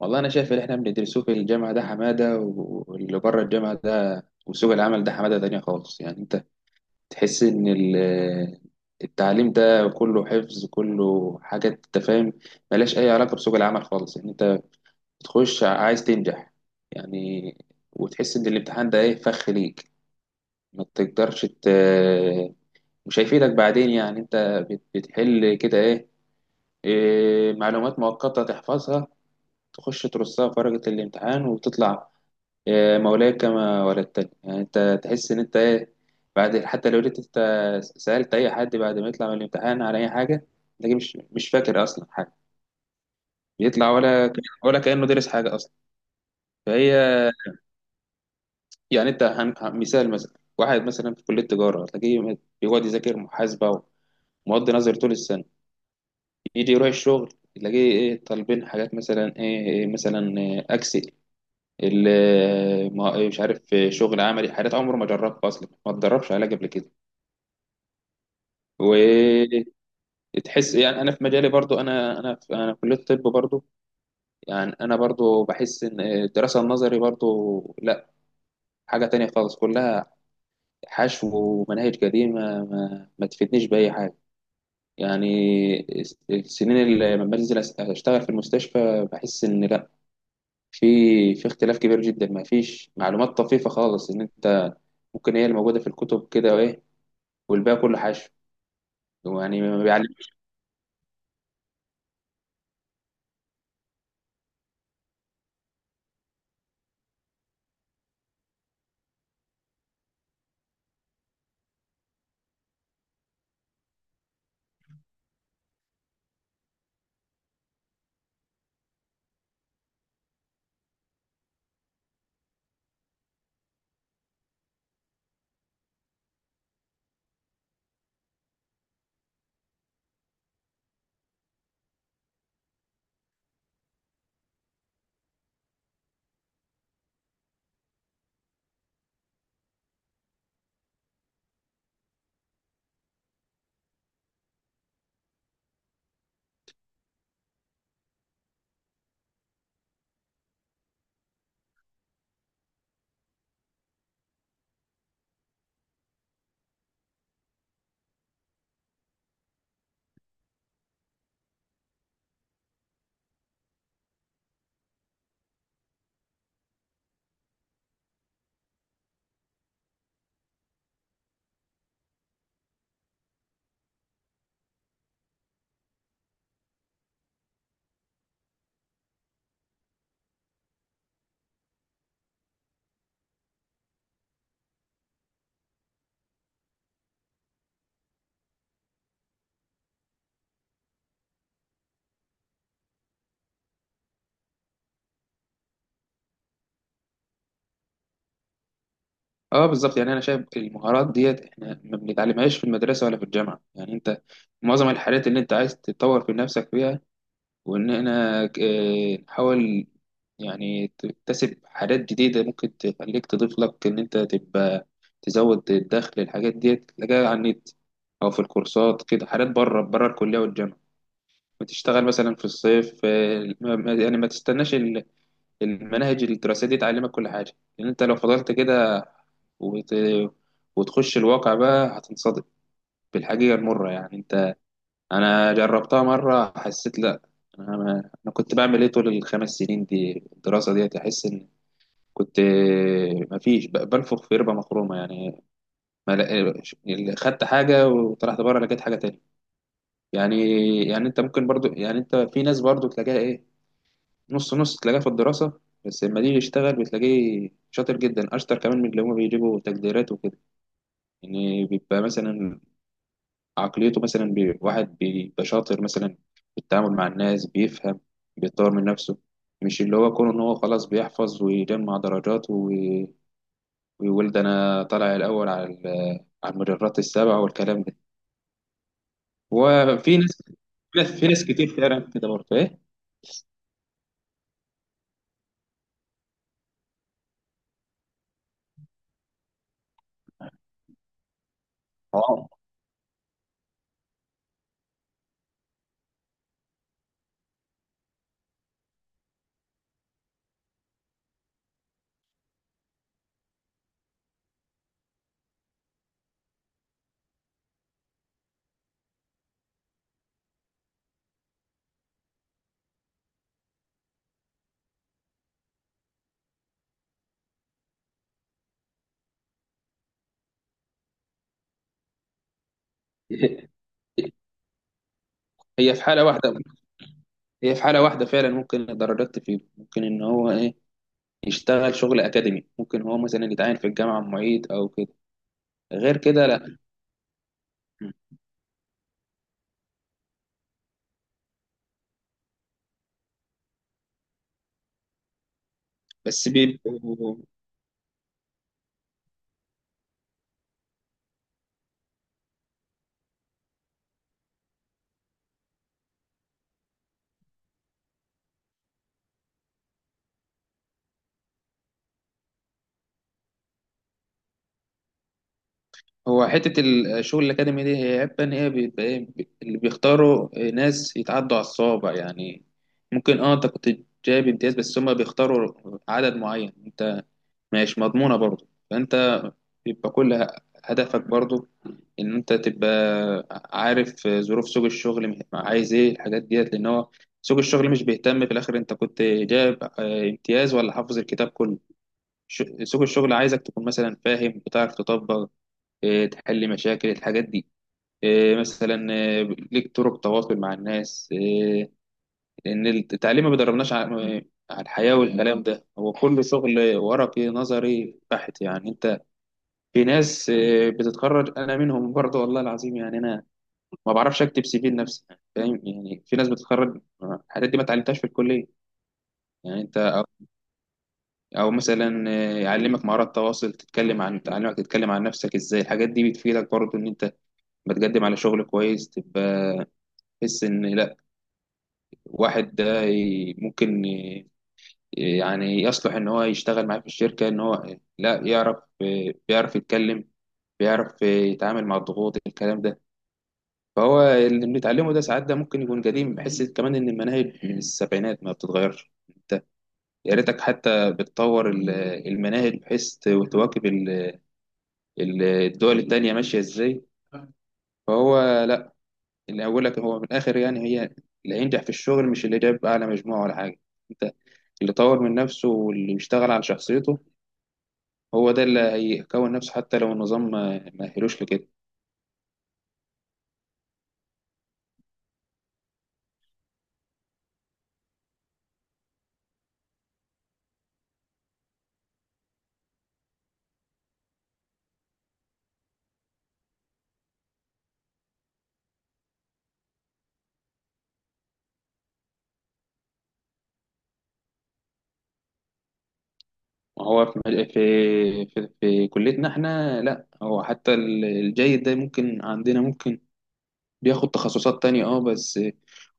والله انا شايف اللي احنا بندرسوه في الجامعه ده حماده و- واللي بره الجامعه ده وسوق العمل ده حماده تانية خالص، يعني انت تحس ان التعليم ده كله حفظ، كله حاجات انت فاهم ملهاش اي علاقه بسوق العمل خالص. يعني انت بتخش عايز تنجح يعني، وتحس ان الامتحان ده ايه فخ ليك، ما تقدرش مش هيفيدك بعدين. يعني انت بتحل كده ايه؟ إيه، معلومات مؤقته تحفظها، تخش ترصها في ورقه الامتحان وتطلع يا مولاي كما ولدتني. يعني انت تحس ان انت ايه؟ بعد حتى لو جيت انت سألت اي حد بعد ما يطلع من الامتحان على اي حاجه، تلاقيه مش فاكر اصلا حاجه. بيطلع ولا كأنه درس حاجه اصلا. فهي يعني انت مثال مثلا واحد مثلا في كليه تجاره تلاقيه بيقعد يذاكر محاسبه ومواد نظري طول السنه، يجي يروح الشغل تلاقيه ايه طالبين حاجات مثلا، ايه مثلا ايه اكسل، مش عارف، شغل عملي، حاجات عمره ما جربها اصلا، ما اتدربش عليها قبل كده وتحس. يعني انا في مجالي برضو، انا في كليه الطب برضو. يعني انا برضو بحس ان الدراسه النظري برضو لا، حاجه تانية خالص، كلها حشو ومناهج قديمه، ما تفيدنيش باي حاجه. يعني السنين اللي لما بنزل اشتغل في المستشفى بحس ان لا، في في اختلاف كبير جدا، ما فيش معلومات طفيفه خالص ان انت ممكن هي اللي موجوده في الكتب كده وايه، والباقي كله حشو، يعني ما بيعلموش. اه بالظبط، يعني انا شايف المهارات ديت احنا ما بنتعلمهاش في المدرسه ولا في الجامعه. يعني انت معظم الحاجات اللي انت عايز تتطور في نفسك فيها، وان احنا نحاول يعني تكتسب حاجات جديده ممكن تخليك تضيف لك ان انت تبقى تزود الدخل. الحاجات ديت تلاقيها على النت او في الكورسات كده، حاجات بره بره الكليه والجامعه، وتشتغل مثلا في الصيف، يعني ما تستناش المناهج الدراسية دي تعلمك كل حاجة. لأن أنت لو فضلت كده وت... وتخش الواقع بقى هتنصدم بالحقيقة المرة. يعني أنت، أنا جربتها مرة حسيت لأ، أنا, ما... أنا كنت بعمل إيه طول الخمس سنين دي الدراسة دي؟ أحس إن كنت مفيش، بنفخ في ربة مخرومة يعني، ما لا... خدت حاجة وطلعت بره لقيت حاجة تانية يعني. يعني أنت ممكن برضو، يعني أنت في ناس برضو تلاقيها إيه، نص نص، تلاقيه في الدراسة بس لما يجي يشتغل بتلاقيه شاطر جدا، أشطر كمان من اللي هما بيجيبوا تقديرات وكده. يعني بيبقى مثلا عقليته مثلا، واحد بيبقى شاطر مثلا في التعامل مع الناس، بيفهم، بيطور من نفسه، مش اللي هو كونه إن هو خلاص بيحفظ ويجمع درجات و- ويقول ده أنا طالع الأول على المدرات السبعة والكلام ده. وفي ناس في ناس في ناس كتير فعلا كده برضه إيه؟ آه. هي في حالة واحدة هي في حالة واحدة فعلا ممكن الدرجات تفيده، ممكن إن هو إيه يشتغل شغل أكاديمي، ممكن هو مثلا يتعين في الجامعة معيد أو كده. غير كده لا. مم. بس بيبقوا. هو حتة الشغل الأكاديمي دي هي عيبها إن هي بيبقى إيه، اللي بيختاروا ناس يتعدوا على الصوابع يعني. ممكن أنت كنت جايب امتياز بس هما بيختاروا عدد معين، أنت مش مضمونة برضه. فأنت بيبقى كل هدفك برضو ان انت تبقى عارف ظروف سوق الشغل، عايز ايه الحاجات ديت، لان هو سوق الشغل مش بيهتم في الاخر انت كنت جايب امتياز ولا حافظ الكتاب كله. سوق الشغل عايزك تكون مثلا فاهم، بتعرف تطبق، تحل مشاكل الحاجات دي، مثلا، ليك طرق تواصل مع الناس، لان التعليم ما بيدربناش على الحياة والكلام ده، هو كل شغل ورقي نظري بحت يعني. في ناس بتتخرج انا منهم برضه والله العظيم، يعني انا ما بعرفش اكتب سي في لنفسي يعني فاهم، يعني في ناس بتتخرج الحاجات دي ما اتعلمتهاش في الكليه، يعني انت أو مثلا يعلمك مهارات تواصل، تتكلم عن تعلمك، تتكلم عن نفسك ازاي. الحاجات دي بتفيدك برضه ان انت بتقدم على شغل كويس، تبقى تحس ان لا، واحد ده ممكن يعني يصلح ان هو يشتغل معاه في الشركه، ان هو لا يعرف بيعرف يتكلم، بيعرف يتعامل مع الضغوط الكلام ده. فهو اللي بنتعلمه ده ساعات ده ممكن يكون قديم، بحس كمان ان المناهج من السبعينات ما بتتغيرش. انت يا ريتك حتى بتطور المناهج بحيث تواكب الدول التانية ماشية ازاي. فهو لا، اللي اقول لك هو من الاخر يعني، هي اللي هينجح في الشغل مش اللي جاب اعلى مجموعة ولا حاجة. انت اللي طور من نفسه واللي بيشتغل على شخصيته، هو ده اللي هيكون نفسه حتى لو النظام ما أهلوش لكده. هو في كليتنا احنا لا، هو حتى الجيد ده ممكن عندنا ممكن بياخد تخصصات تانية اه بس،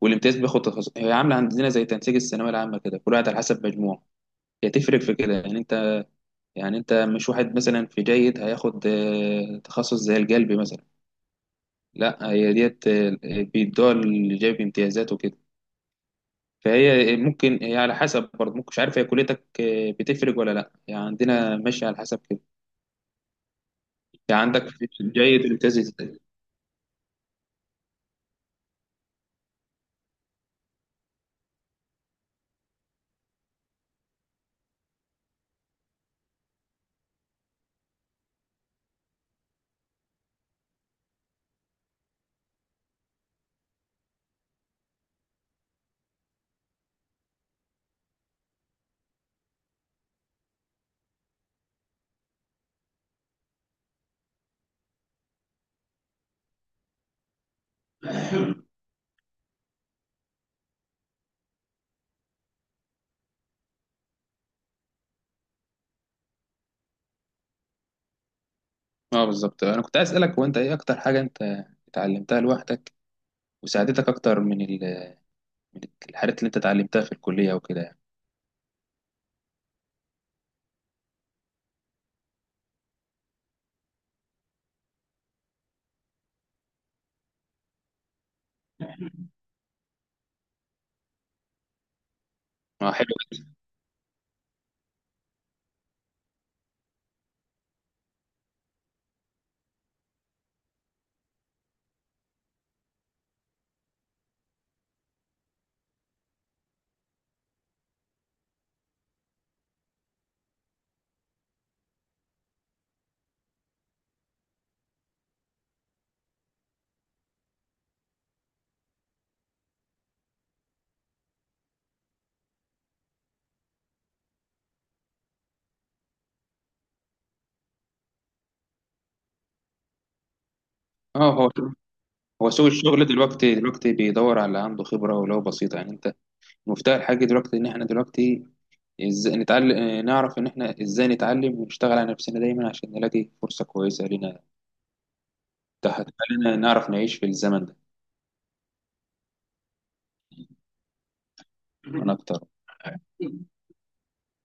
والامتياز بياخد تخصص. هي عاملة عندنا زي تنسيق الثانوية العامة كده، كل واحد على حسب مجموعه، هي تفرق في كده. يعني انت مش واحد مثلا في جيد هياخد تخصص زي القلب مثلا، لا. هي ديت بيدوها اللي جايب امتيازات وكده. فهي ممكن هي على حسب برضه، ممكن مش عارف هي كليتك بتفرق ولا لا؟ يعني عندنا ماشي على حسب كده. يعني عندك في بداية الامتياز التاني. اه بالظبط، انا كنت عايز اسالك هو انت ايه اكتر حاجه انت اتعلمتها لوحدك وساعدتك اكتر من من الحاجات اللي انت اتعلمتها في الكليه وكده يعني. اه حلو. اه، هو سوق الشغل دلوقتي بيدور على اللي عنده خبره ولو بسيطه. يعني انت مفتاح الحاجه دلوقتي ان احنا دلوقتي ازاي نتعلم، نعرف ان احنا ازاي نتعلم ونشتغل على نفسنا دايما عشان نلاقي فرصه كويسه لنا، تخلينا نعرف نعيش في الزمن ده من اكتر